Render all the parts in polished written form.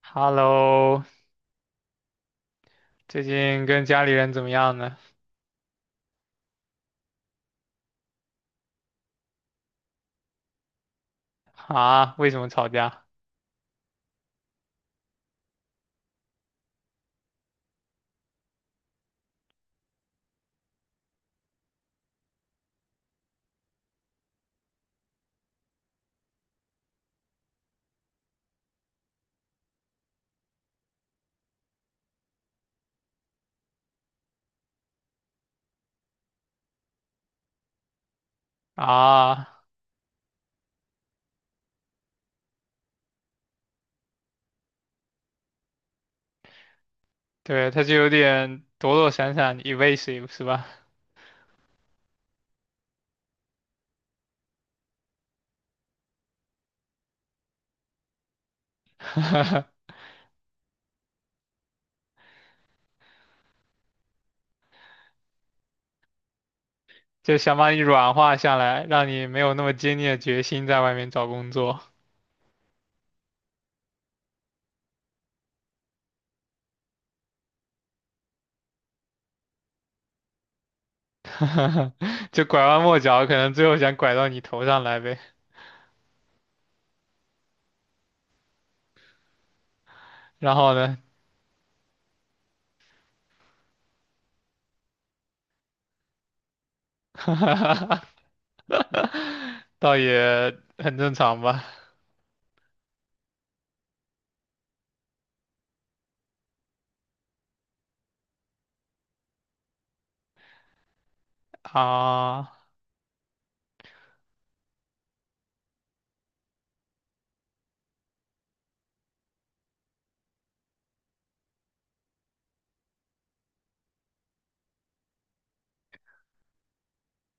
Hello，最近跟家里人怎么样呢？啊，为什么吵架？啊，对，他就有点躲躲闪闪，evasive 是吧？就想把你软化下来，让你没有那么坚定的决心在外面找工作，就拐弯抹角，可能最后想拐到你头上来呗。然后呢，倒也很正常吧。啊，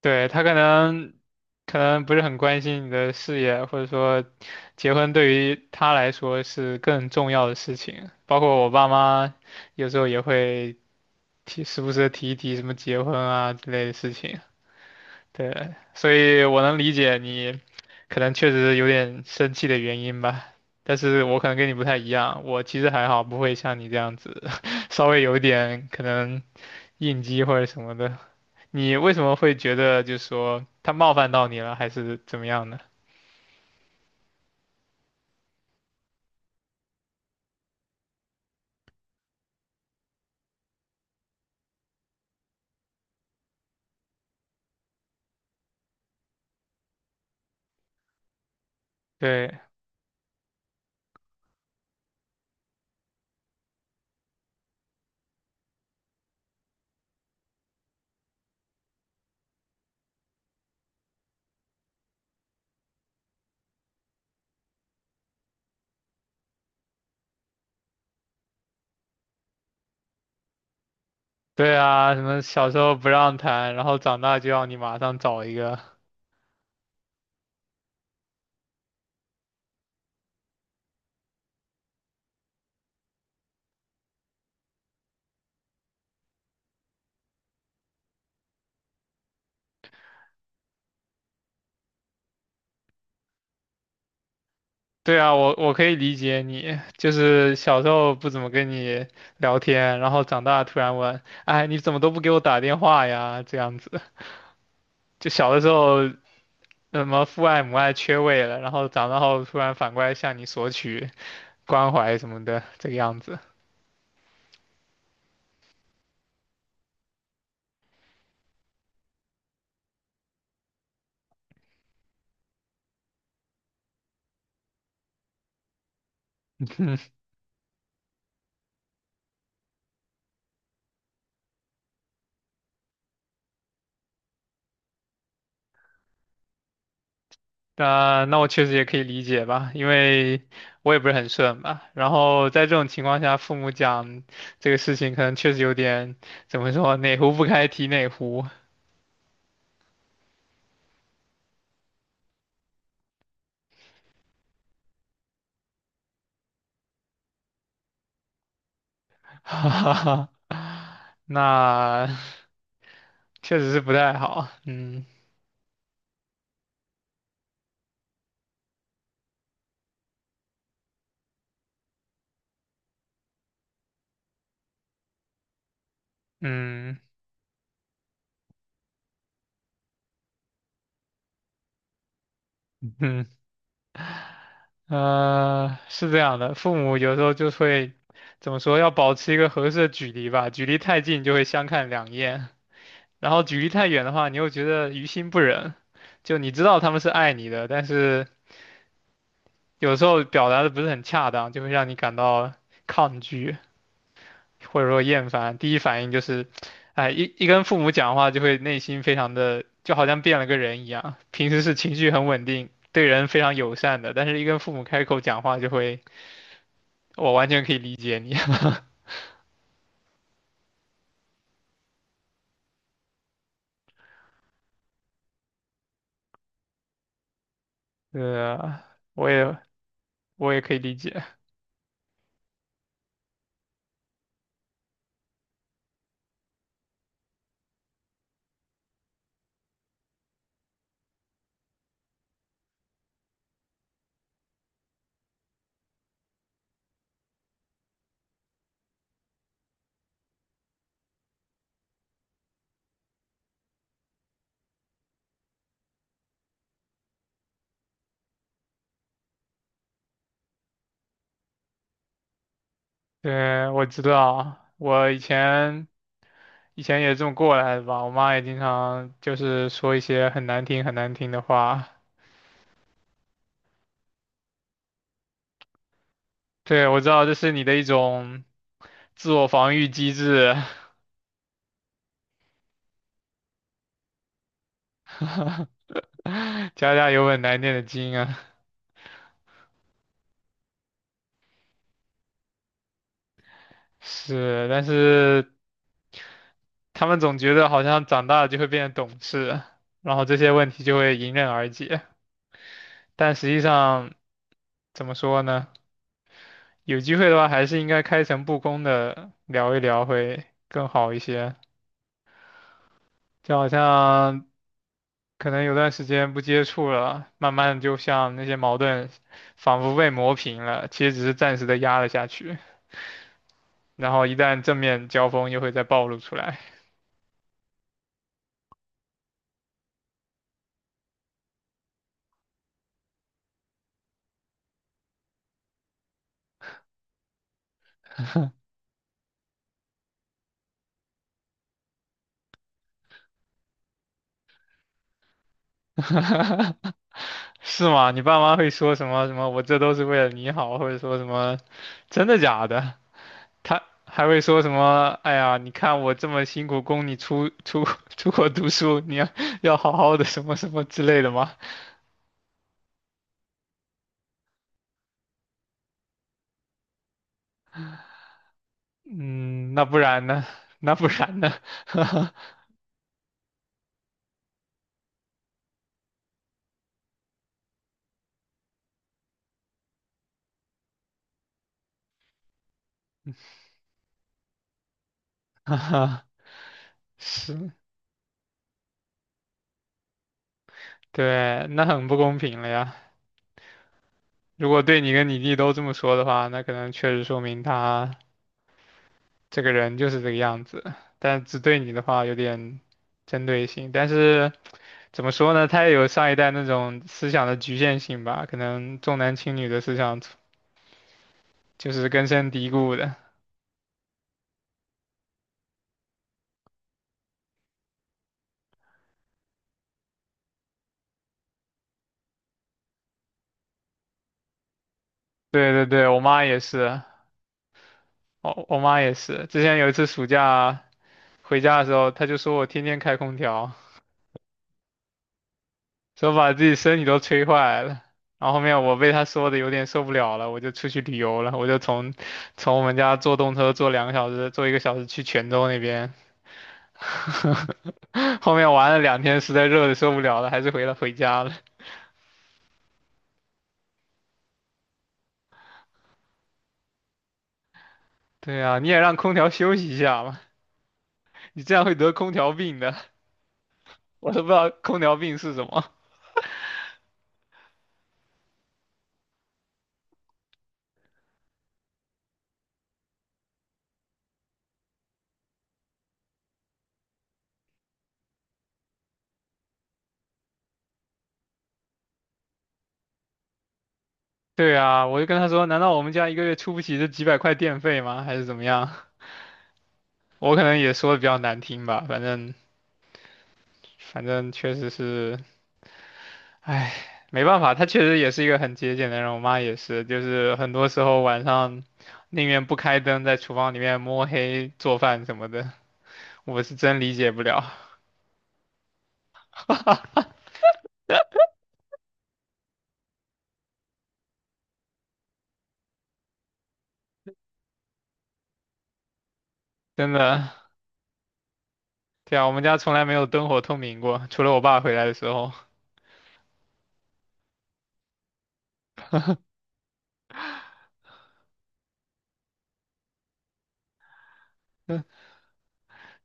对，他可能不是很关心你的事业，或者说结婚对于他来说是更重要的事情。包括我爸妈有时候也会提，时不时的提一提什么结婚啊之类的事情。对，所以我能理解你可能确实有点生气的原因吧。但是我可能跟你不太一样，我其实还好，不会像你这样子，稍微有一点可能应激或者什么的。你为什么会觉得就是说他冒犯到你了，还是怎么样呢？对对啊，什么小时候不让谈，然后长大就要你马上找一个。对啊，我可以理解你，就是小时候不怎么跟你聊天，然后长大突然问，哎，你怎么都不给我打电话呀？这样子，就小的时候什么父爱母爱缺位了，然后长大后突然反过来向你索取关怀什么的，这个样子。那我确实也可以理解吧，因为我也不是很顺吧。然后在这种情况下，父母讲这个事情，可能确实有点怎么说，哪壶不开提哪壶，哈哈哈。那确实是不太好。嗯嗯嗯，是这样的，父母有时候就会怎么说，要保持一个合适的距离吧，距离太近就会相看两厌，然后距离太远的话，你又觉得于心不忍。就你知道他们是爱你的，但是有时候表达的不是很恰当，就会让你感到抗拒或者说厌烦。第一反应就是，哎，一跟父母讲话就会内心非常的，就好像变了个人一样。平时是情绪很稳定，对人非常友善的，但是一跟父母开口讲话就会，我完全可以理解你。对啊，我也我也可以理解。对，我知道，我以前也这么过来的吧。我妈也经常就是说一些很难听很难听的话。对，我知道这是你的一种自我防御机制，家家有本难念的经啊。是，但是他们总觉得好像长大了就会变得懂事，然后这些问题就会迎刃而解。但实际上，怎么说呢？有机会的话，还是应该开诚布公的聊一聊会更好一些。就好像可能有段时间不接触了，慢慢就像那些矛盾，仿佛被磨平了，其实只是暂时的压了下去，然后一旦正面交锋又会再暴露出来，是吗？你爸妈会说什么什么？我这都是为了你好，或者说什么，真的假的？他还会说什么？哎呀，你看我这么辛苦供你出 出国读书，你要好好的什么什么之类的吗？嗯，那不然呢？那不然呢？是，对，那很不公平了呀。如果对你跟你弟都这么说的话，那可能确实说明他这个人就是这个样子，但只对你的话有点针对性。但是怎么说呢，他也有上一代那种思想的局限性吧，可能重男轻女的思想就是根深蒂固的。对对对，我妈也是，我妈也是。之前有一次暑假回家的时候，她就说我天天开空调。说把自己身体都吹坏了。然后后面我被他说的有点受不了了，我就出去旅游了，我就从我们家坐动车坐两个小时，坐一个小时去泉州那边。后面玩了两天，实在热的受不了了，还是回家了。对啊，你也让空调休息一下嘛，你这样会得空调病的。我都不知道空调病是什么。对啊，我就跟他说，难道我们家一个月出不起这几百块电费吗？还是怎么样？我可能也说的比较难听吧，反正确实是。唉，没办法，他确实也是一个很节俭的人。我妈也是，就是很多时候晚上宁愿不开灯，在厨房里面摸黑做饭什么的，我是真理解不了。真的，对啊，我们家从来没有灯火通明过，除了我爸回来的时候。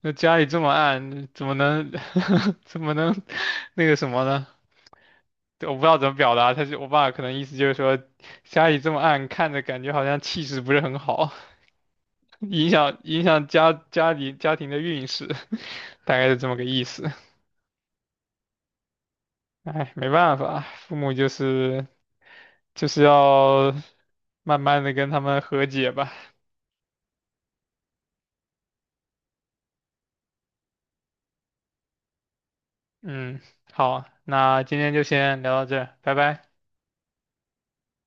那家里这么暗，怎么能 怎么能那个什么呢？我不知道怎么表达，他就我爸可能意思就是说，家里这么暗，看着感觉好像气势不是很好。影响家里家庭的运势，大概是这么个意思。哎，没办法，父母就是要慢慢的跟他们和解吧。嗯，好，那今天就先聊到这儿，拜拜。